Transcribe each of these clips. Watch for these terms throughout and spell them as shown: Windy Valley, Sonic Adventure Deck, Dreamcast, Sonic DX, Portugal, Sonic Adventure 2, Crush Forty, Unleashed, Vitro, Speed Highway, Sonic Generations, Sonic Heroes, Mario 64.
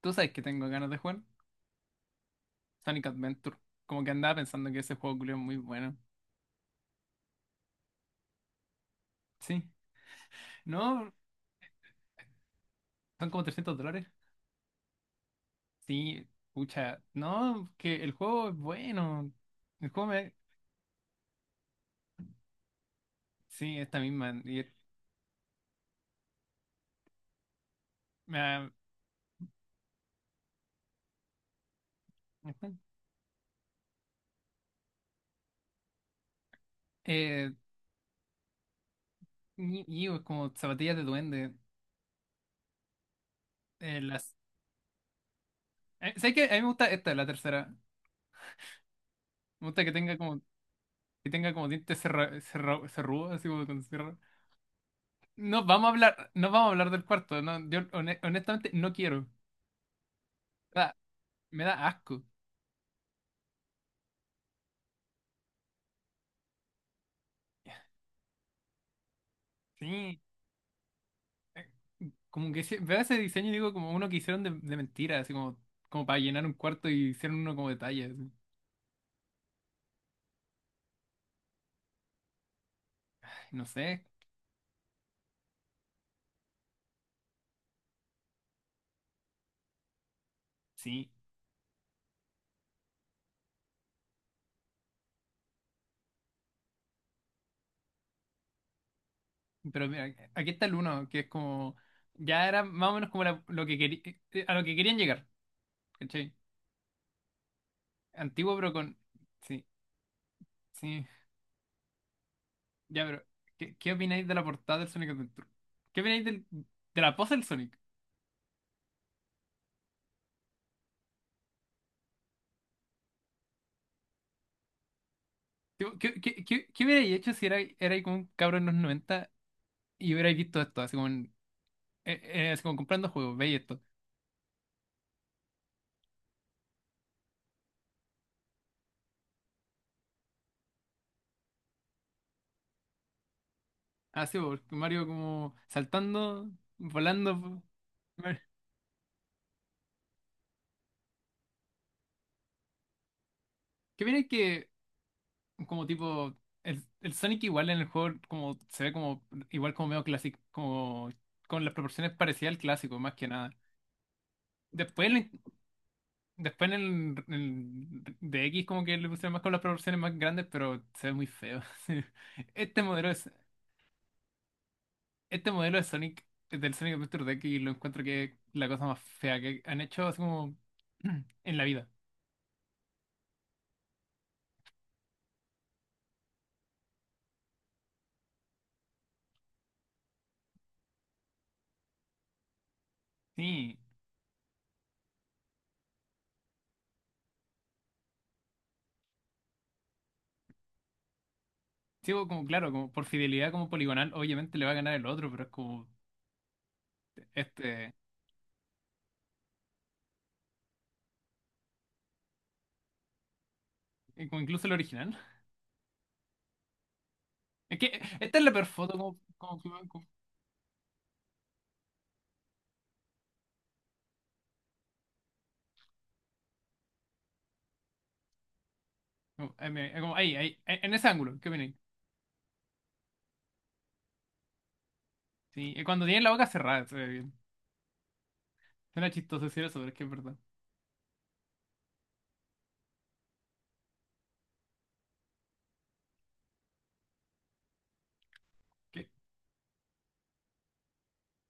Tú sabes que tengo ganas de jugar Sonic Adventure. Como que andaba pensando que ese juego culiao es muy bueno. Sí. No, son como $300. Sí, pucha. No, que el juego es bueno. El juego me... Sí, esta misma. Me eh, y es como zapatillas de duende. Eh, las... ¿Sabes qué? A mí me gusta esta, la tercera. Me gusta que tenga como dientes cerrudos, así como con sierra. No, no vamos a hablar del cuarto. No, yo honestamente no quiero. Ah, me da asco. Sí, como que veo ese diseño y digo como uno que hicieron de mentira, así como, como para llenar un cuarto y hicieron uno como detalle, así. No sé, sí. Pero mira, aquí está el uno, que es como, ya era más o menos como lo que quería, a lo que querían llegar, ¿cachai? Antiguo pero con, sí, sí. Ya, pero, ¿qué opináis de la portada del Sonic Adventure? ¿Qué opináis de la pose del Sonic? Tipo, ¿qué hubierais hecho si erais como un cabrón en los 90 y hubierais visto esto, así como en Eh, así como comprando juegos, veis esto. Así, porque Mario como saltando, volando, po. Mar- ¿Qué viene que como tipo el, Sonic igual en el juego como se ve como igual como medio clásico, como con las proporciones parecidas al clásico, más que nada. Después, después en el D X como que le pusieron más con las proporciones más grandes, pero se ve muy feo. Sí. Este modelo es, Este modelo de Sonic, del Sonic Adventure Deck, y lo encuentro que es la cosa más fea que han hecho así como en la vida. Sí, sí, como claro, como por fidelidad como poligonal, obviamente le va a ganar el otro, pero es como este, como incluso el original. Es que esta es la peor foto como, como ahí, en ese ángulo, ¿qué opináis? Sí, cuando tienen la boca cerrada, se ve bien. Suena chistoso decir eso, pero es que es verdad.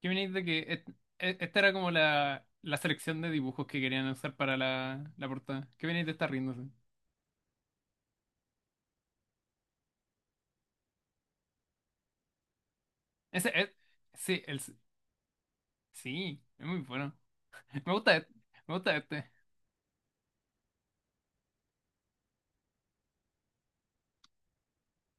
Que venís de esta era como la, selección de dibujos que querían usar para la, la portada. Que venís de estar riéndose. Ese es. Sí, sí, es muy bueno. Me gusta este. Me gusta este.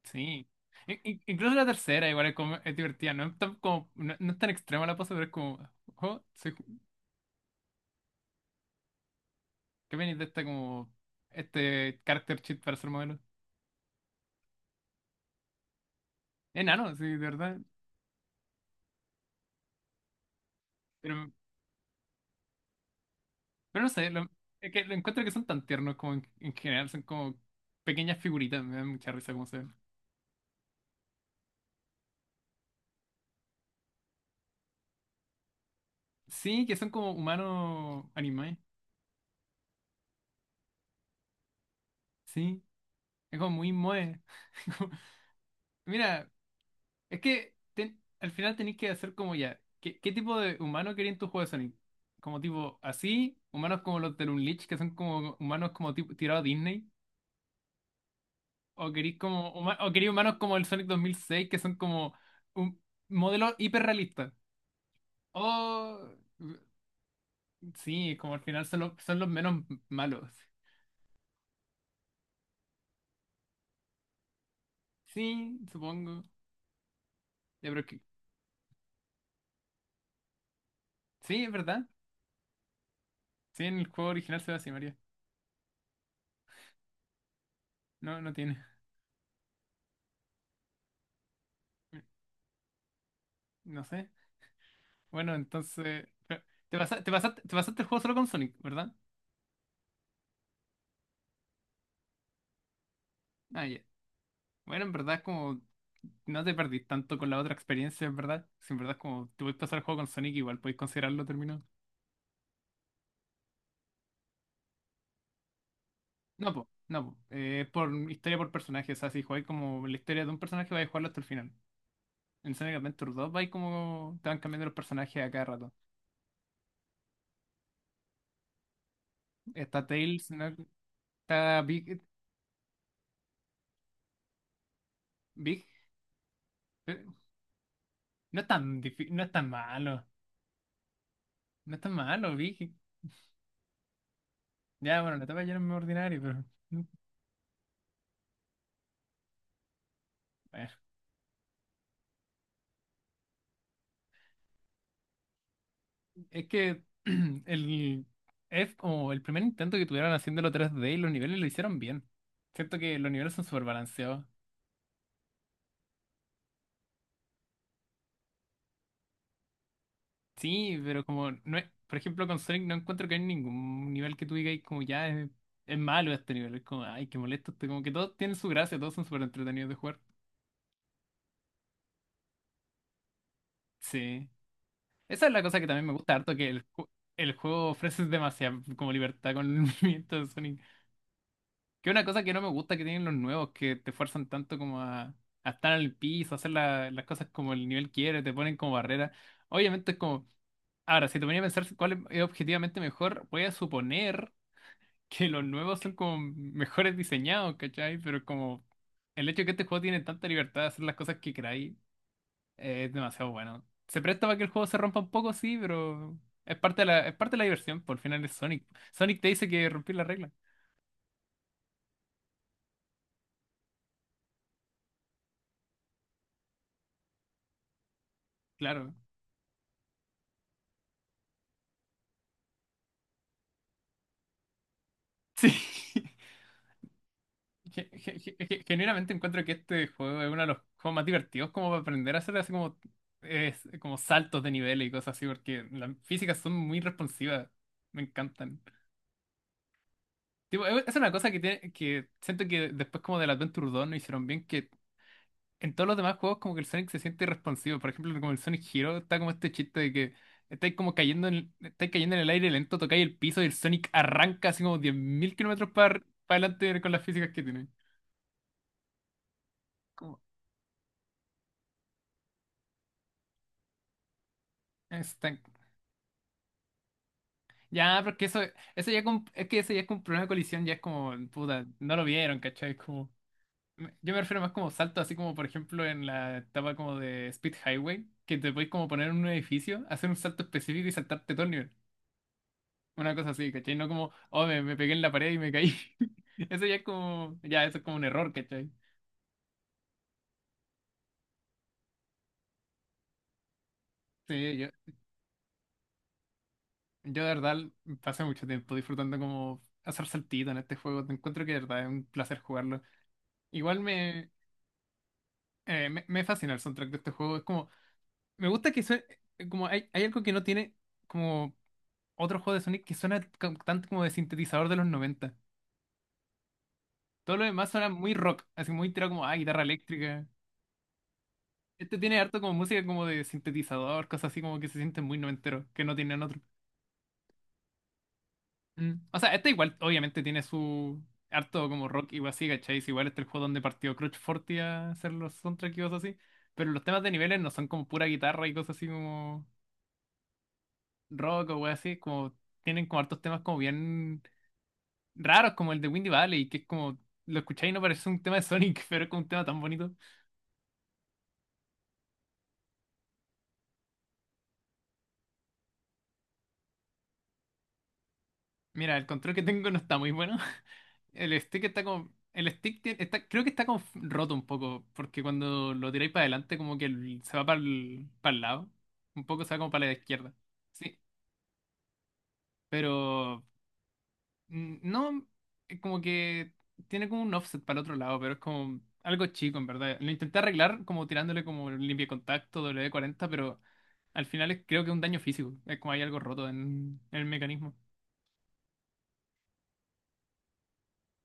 Sí. Incluso la tercera, igual es divertida. No es tan, como, no es tan extrema la pose, pero es como. Oh, soy ju- que venís de esta como. Este character sheet para ser modelo. Enano, sí, de verdad. Pero no sé, lo, es que lo encuentro que son tan tiernos como en general, son como pequeñas figuritas, me dan mucha risa cómo se ven. Sí, que son como humanos anime, sí, es como muy moe. Como- Mira, es que al final tenéis que hacer como ya, ¿qué tipo de humano quería en tu juego de Sonic? Como tipo así, humanos como los de Unleashed, que son como humanos como tipo tirado a Disney, o queréis humanos como el Sonic 2006 que son como un modelo hiperrealista. O Sí, como al final son, son los menos malos. Sí, supongo. Ya, pero que... Sí, es verdad. Sí, en el juego original se ve así, María. No, no tiene. No sé. Bueno, entonces... Te pasaste el juego solo con Sonic, ¿verdad? Ah, ya. Bueno, en verdad como... No te perdís tanto con la otra experiencia, en verdad. Si en verdad como... Te puedes pasar el juego con Sonic, igual podéis considerarlo terminado. No, po. No, po. Por historia por personaje. O sea, si jugáis como la historia de un personaje, vais a jugarlo hasta el final. En Sonic Adventure 2 vais como. Te van cambiando los personajes a cada rato. Está Tails, ¿no? Está Big. Big. eh, no es tan malo. No es tan malo, Big. Ya, bueno, la etapa ya no es muy ordinaria, pero. mm, bueno. Es que el. Es como el primer intento que tuvieron haciéndolo 3D y los niveles lo hicieron bien. Siento que los niveles son súper balanceados. Sí, pero como no es, por ejemplo, con Sonic no encuentro que hay ningún nivel que tú digas como ya es malo este nivel, es como, ay, qué molesto este, como que todos tienen su gracia, todos son súper entretenidos de jugar. Sí. Esa es la cosa que también me gusta harto, que el, el juego ofrece demasiada como libertad con el movimiento de Sonic. Que es una cosa que no me gusta que tienen los nuevos, que te fuerzan tanto como a estar al piso, a hacer las cosas como el nivel quiere, te ponen como barrera. Obviamente es como, ahora, si te ponía a pensar cuál es objetivamente mejor, voy a suponer que los nuevos son como mejores diseñados, ¿cachai? Pero como el hecho de que este juego tiene tanta libertad de hacer las cosas que queráis, es demasiado bueno. Se presta para que el juego se rompa un poco, sí, pero es parte de la, es parte de la diversión, por el final es Sonic. Sonic te dice que rompí la regla. Claro. Sí. Genuinamente encuentro que este juego es uno de los juegos más divertidos como para aprender a hacer así como, es, como saltos de nivel y cosas así, porque las físicas son muy responsivas. Me encantan. Tipo, es una cosa que, tiene, que siento que después como del Adventure 2 no hicieron bien, que en todos los demás juegos como que el Sonic se siente irresponsivo. Por ejemplo, como el Sonic Hero está como este chiste de que estáis cayendo en el aire lento, tocáis el piso y el Sonic arranca así como 10.000 kilómetros para adelante con las físicas que tiene. Como, es tan- Ya, pero es que eso ya como- es que ese ya es como un problema de colisión, ya es como, puta, no lo vieron, ¿cachai? Como... Yo me refiero más como salto, así como por ejemplo en la etapa como de Speed Highway, que te puedes como poner en un edificio, hacer un salto específico y saltarte todo el nivel. Una cosa así, ¿cachai? No como, oh, me pegué en la pared y me caí. Eso ya es como, ya, eso es como un error, ¿cachai? Sí, yo de verdad pasé mucho tiempo disfrutando como hacer saltito en este juego. Te encuentro que de verdad es un placer jugarlo. Igual me, Me fascina el soundtrack de este juego. Es como, me gusta que sue- como hay algo que no tiene como otros juegos de Sonic que suenan tanto como de sintetizador de los 90. Todo lo demás suena muy rock, así muy tirado como, ah, guitarra eléctrica. Este tiene harto como música como de sintetizador, cosas así como que se sienten muy noventeros, que no tienen otro. Mm. O sea, este igual obviamente tiene su harto como rock igual así, ¿cachai? Es Igual este es el juego donde partió Crush Forty a hacer los soundtracks y cosas así. Pero los temas de niveles no son como pura guitarra y cosas así como rock o wey así, como tienen como hartos temas como bien raros como el de Windy Valley, que es como, lo escucháis y no parece un tema de Sonic, pero es como un tema tan bonito. Mira, el control que tengo no está muy bueno. El stick está como, está, creo que está como roto un poco, porque cuando lo tiráis para adelante como que se va para el lado, un poco se va como para la izquierda. Sí, pero No, como que tiene como un offset para el otro lado, pero es como algo chico en verdad. Lo intenté arreglar como tirándole como limpia contacto, w cuarenta pero al final creo que es un daño físico. Es como hay algo roto en el mecanismo.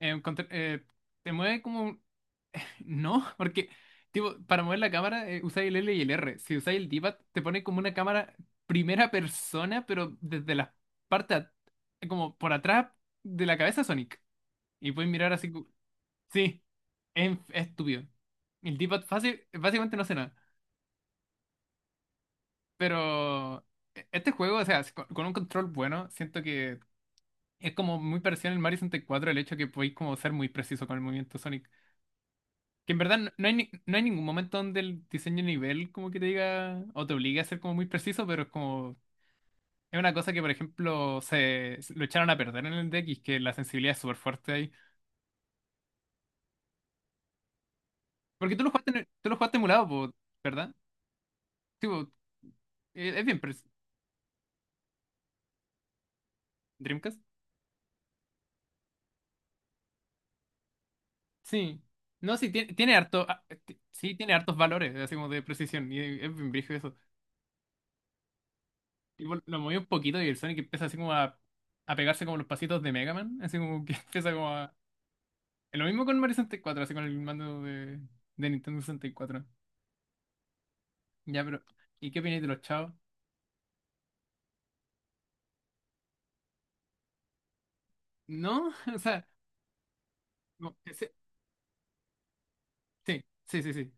Eh, contra- eh, Te mueve como... No, porque tipo, para mover la cámara usáis el L y el R. Si usáis el D-pad te pone como una cámara primera persona, pero desde la parte at- como por atrás de la cabeza de Sonic. Y puedes mirar así. Sí, es estúpido. El d fácil, básicamente no hace nada. Pero este juego, o sea, si con, con un control bueno, siento que es como muy parecido al Mario 64 el hecho que podéis como ser muy preciso con el movimiento Sonic. Que en verdad no hay ningún momento donde el diseño de nivel como que te diga o te obligue a ser como muy preciso, pero es como. Es una cosa que, por ejemplo, se lo echaron a perder en el D X, que la sensibilidad es súper fuerte ahí. Porque tú lo jugaste, tú lo jugaste emulado, po, ¿verdad? Tipo, es bien preciso. Sí. No, sí, tiene harto. Sí, tiene hartos valores, así como de precisión. Y es bien brígido eso. Tipo, lo moví un poquito y el Sonic empieza a pegarse como los pasitos de Mega Man. Así como que empieza como a. Lo mismo con Mario sesenta y cuatro, así con el mando de Nintendo sesenta y cuatro. Ya, pero. ¿Y qué opináis de los chavos? No, o sea. No, ese- Sí, sí, sí, sí.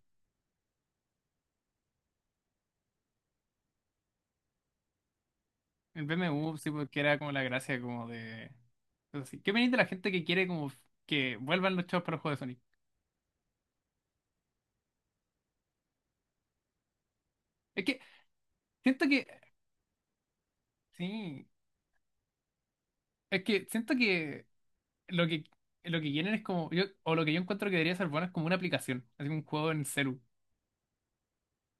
El BMU, sí, porque era como la gracia como de. Cosas así. ¿Qué opináis de la gente que quiere como que vuelvan los chavos para los juegos de Sonic? Es que siento que. Sí. Es que siento que lo que lo que quieren es como yo, o lo que yo encuentro que debería ser bueno es como una aplicación, así como un juego en celu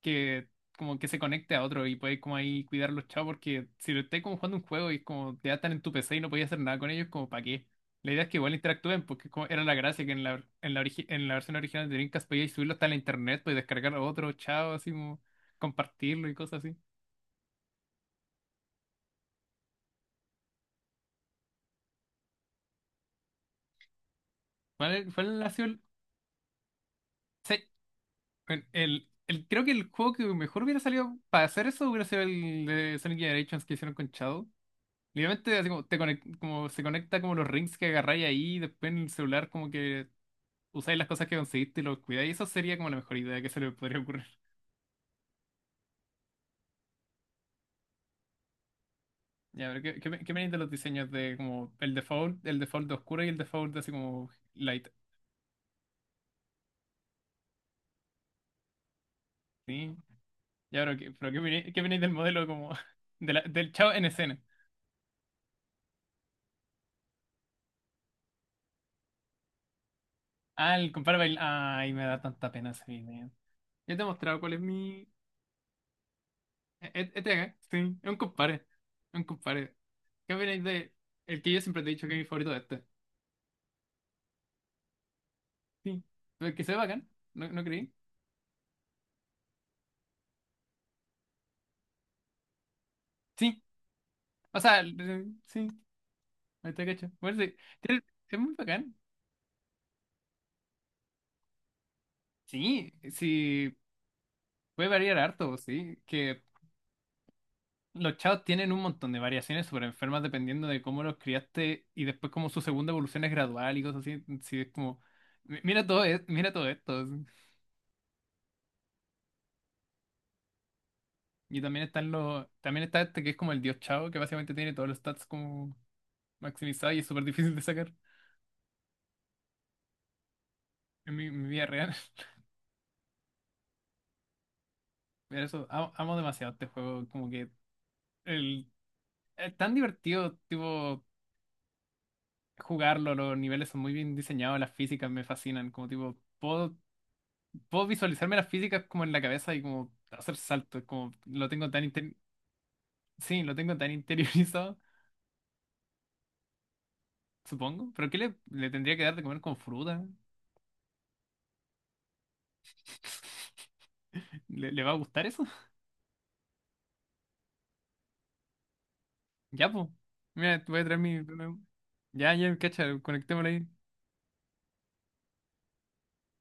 que como que se conecte a otro y puedes como ahí cuidar los chavos, porque si lo estáis como jugando un juego y es como te atan en tu PC y no podías hacer nada con ellos, como para qué. La idea es que igual interactúen, porque como era la gracia, que en la versión original de Dreamcast podías subirlo hasta la internet, podías descargar a otro chavo, así como compartirlo y cosas así. ¿Cuál ha sido sí, bueno, creo que el juego que mejor hubiera salido para hacer eso hubiera sido el de Sonic Generations que hicieron con Shadow. Literalmente, así como, como se conecta como los rings que agarráis ahí, y después en el celular como que usáis las cosas que conseguiste y los cuidáis. Eso sería como la mejor idea que se le podría ocurrir. Ya, pero ¿qué me dices de los diseños de como el default de oscuro y el default de así como light? ¿Sí? Ya, pero ¿qué me dices del modelo como del Chao en escena? Ah, ay, me da tanta pena ese video. Ya te he mostrado cuál es mi, este de acá, sí, es un compadre. Es un compadre. ¿Qué opináis de el que yo siempre te he dicho que es mi favorito de este? Sí. Pero el que se ve bacán, ¿no, no creí? Sí. O sea, sí, ahí está cacho. Bueno, sí. Tiene- Es muy bacán. Sí, sí, puede variar harto, sí. Que los chavos tienen un montón de variaciones súper enfermas dependiendo de cómo los criaste, y después como su segunda evolución es gradual y cosas así. Sí, es como, mira todo esto. Sí". Y también están los, también está este que es como el dios Chao, que básicamente tiene todos los stats como maximizados y es súper difícil de sacar en mi, mi vida real. Pero eso, amo demasiado este juego, como que el, es tan divertido, tipo, jugarlo, los niveles son muy bien diseñados, las físicas me fascinan, como tipo, puedo visualizarme las físicas como en la cabeza y como hacer saltos, como lo tengo tan sí, lo tengo tan interiorizado, supongo. Pero ¿le tendría que dar de comer con fruta? ¿Le, le va a gustar eso? Ya, pues. Mira, te voy a traer mi. Ya, Cacha, conectémosla ahí.